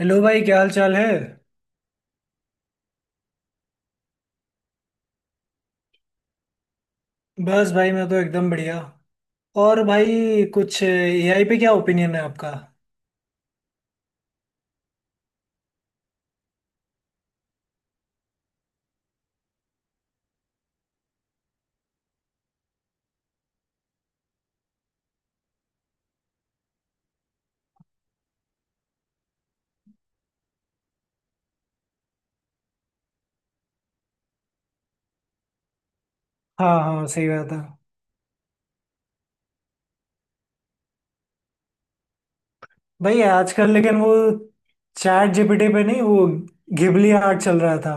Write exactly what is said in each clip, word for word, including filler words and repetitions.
Hello भाई, क्या हाल चाल है। बस भाई, मैं तो एकदम बढ़िया। और भाई, कुछ एआई पे क्या ओपिनियन है आपका। हाँ हाँ, सही बात है। भाई आजकल लेकिन वो चैट जीपीटी पे नहीं, वो घिबली आर्ट चल रहा था।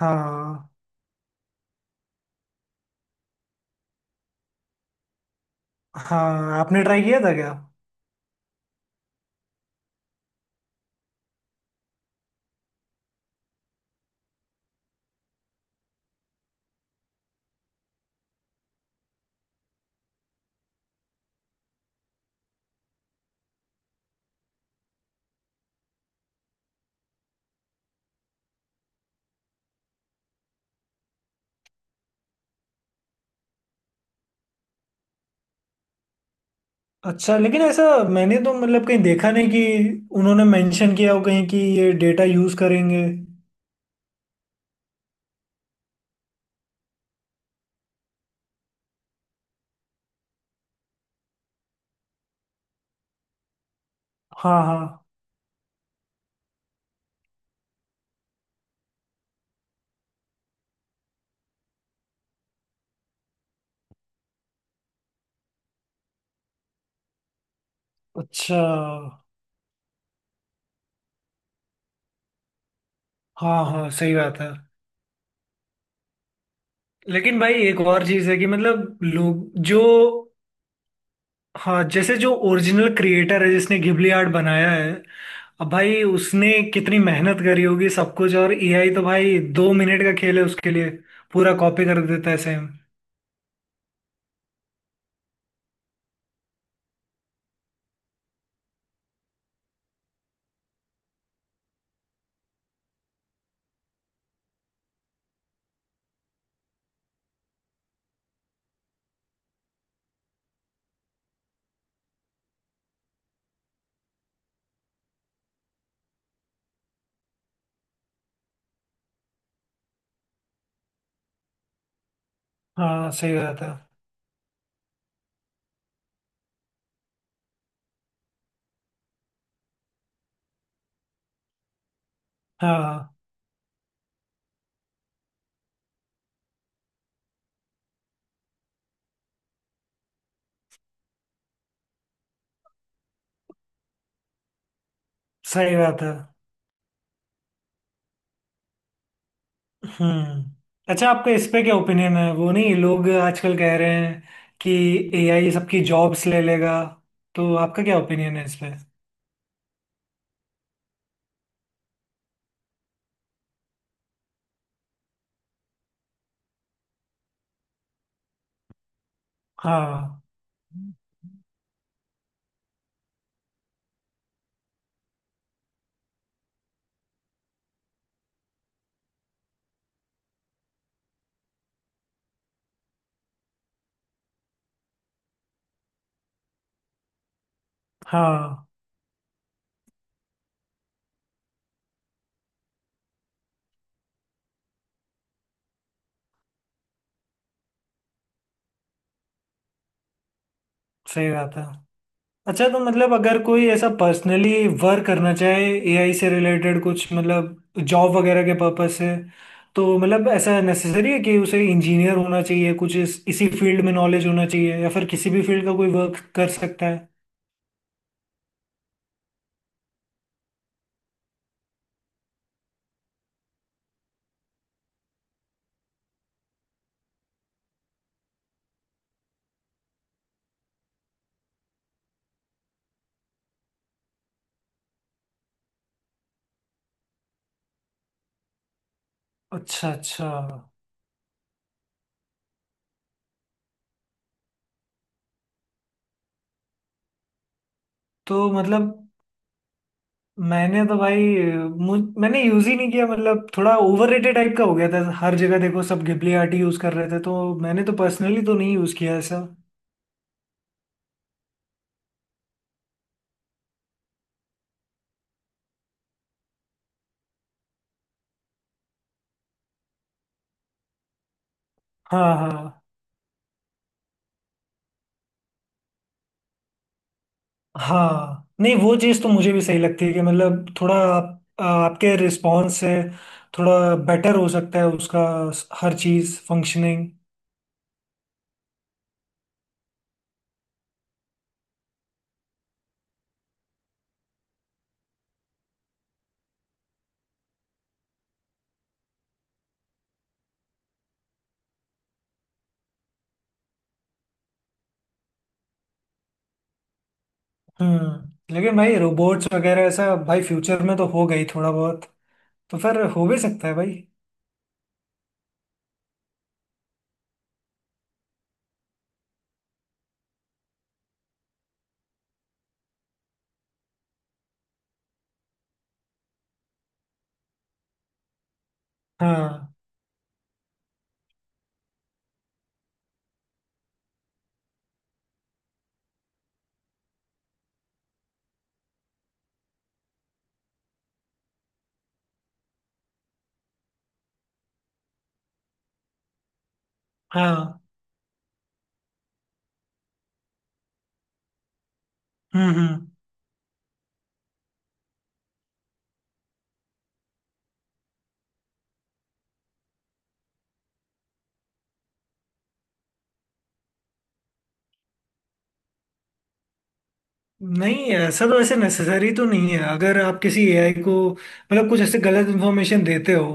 हाँ हाँ, आपने ट्राई किया था क्या। अच्छा, लेकिन ऐसा मैंने तो मतलब कहीं देखा नहीं कि उन्होंने मेंशन किया हो कहीं कि ये डेटा यूज करेंगे। हाँ हाँ। अच्छा। हाँ हाँ, सही बात है। लेकिन भाई एक और चीज है कि मतलब लोग जो, हाँ जैसे जो ओरिजिनल क्रिएटर है जिसने घिबली आर्ट बनाया है, अब भाई उसने कितनी मेहनत करी होगी सब कुछ, और एआई तो भाई दो मिनट का खेल है उसके लिए। पूरा कॉपी कर देता है सेम। हाँ, सही बात है। हाँ, सही बात है। हम्म। अच्छा, आपका इस पे क्या ओपिनियन है, वो नहीं लोग आजकल कह रहे हैं कि एआई सबकी जॉब्स ले लेगा, तो आपका क्या ओपिनियन है इस पे। हाँ हाँ, सही बात है। अच्छा, तो मतलब अगर कोई ऐसा पर्सनली वर्क करना चाहे एआई से रिलेटेड कुछ मतलब जॉब वगैरह के पर्पज से, तो मतलब ऐसा नेसेसरी है कि उसे इंजीनियर होना चाहिए कुछ इस, इसी फील्ड में नॉलेज होना चाहिए, या फिर किसी भी फील्ड का कोई वर्क कर सकता है। अच्छा अच्छा। तो मतलब मैंने तो भाई, मुझ मैंने यूज ही नहीं किया, मतलब थोड़ा ओवररेटेड टाइप का हो गया था, हर जगह देखो सब घिबली आर्ट यूज कर रहे थे, तो मैंने तो पर्सनली तो नहीं यूज किया ऐसा। हाँ हाँ। हाँ नहीं, वो चीज़ तो मुझे भी सही लगती है कि मतलब थोड़ा आप, आपके रिस्पॉन्स से थोड़ा बेटर हो सकता है उसका, हर चीज़ फंक्शनिंग। हम्म, लेकिन भाई रोबोट्स वगैरह ऐसा भाई फ्यूचर में तो हो गई थोड़ा बहुत, तो फिर हो भी सकता है भाई। हाँ हाँ। हम्म हम्म नहीं ऐसा तो ऐसे नेसेसरी तो नहीं है, अगर आप किसी एआई को मतलब कुछ ऐसे गलत इन्फॉर्मेशन देते हो,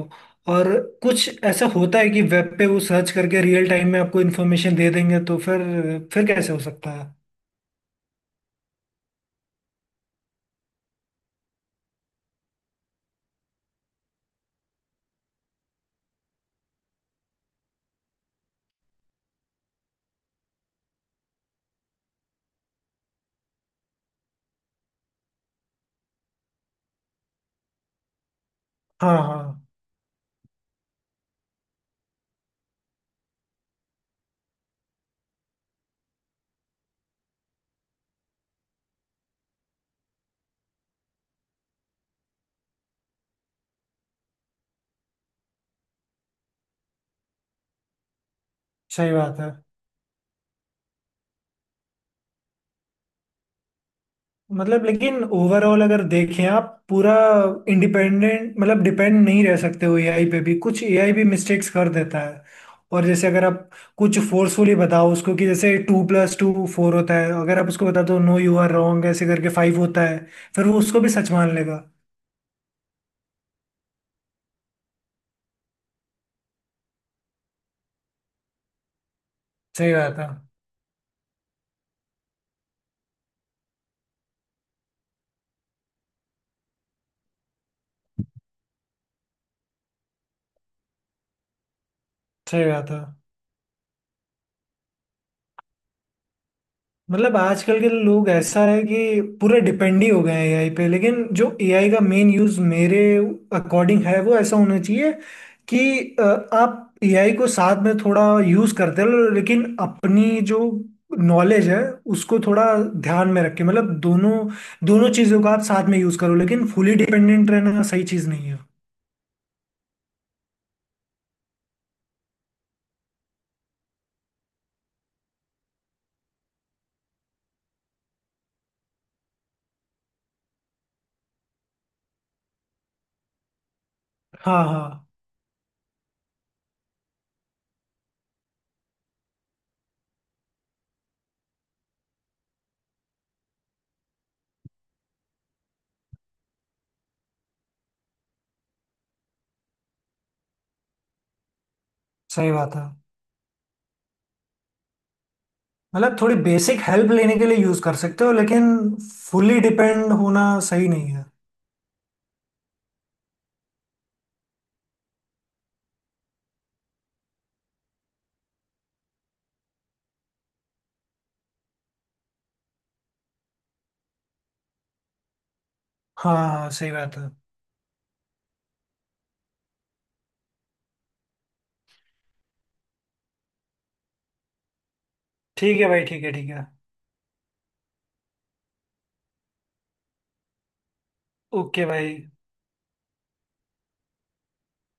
और कुछ ऐसा होता है कि वेब पे वो सर्च करके रियल टाइम में आपको इन्फॉर्मेशन दे देंगे, तो फिर फिर कैसे हो सकता है। हाँ हाँ, सही बात है। मतलब लेकिन ओवरऑल अगर देखें, आप पूरा इंडिपेंडेंट मतलब डिपेंड नहीं रह सकते हो एआई पे भी, कुछ एआई भी मिस्टेक्स कर देता है। और जैसे अगर आप कुछ फोर्सफुली बताओ उसको, कि जैसे टू प्लस टू फोर होता है, अगर आप उसको बता दो नो यू आर रॉन्ग ऐसे करके फाइव होता है, फिर वो उसको भी सच मान लेगा। सही बात है। सही बात है। मतलब आजकल के लोग ऐसा है कि पूरे डिपेंड ही हो गए हैं एआई पे, लेकिन जो एआई का मेन यूज मेरे अकॉर्डिंग है वो ऐसा होना चाहिए कि अ, आप एआई को साथ में थोड़ा यूज करते रहो, लेकिन अपनी जो नॉलेज है उसको थोड़ा ध्यान में रखें, मतलब दोनों दोनों चीजों का आप साथ में यूज करो, लेकिन फुली डिपेंडेंट रहना सही चीज नहीं है। हाँ हाँ, सही बात है। मतलब थोड़ी बेसिक हेल्प लेने के लिए यूज कर सकते हो, लेकिन फुली डिपेंड होना सही नहीं है। हाँ हाँ, सही बात है। ठीक है भाई, ठीक है, ठीक है। ओके भाई।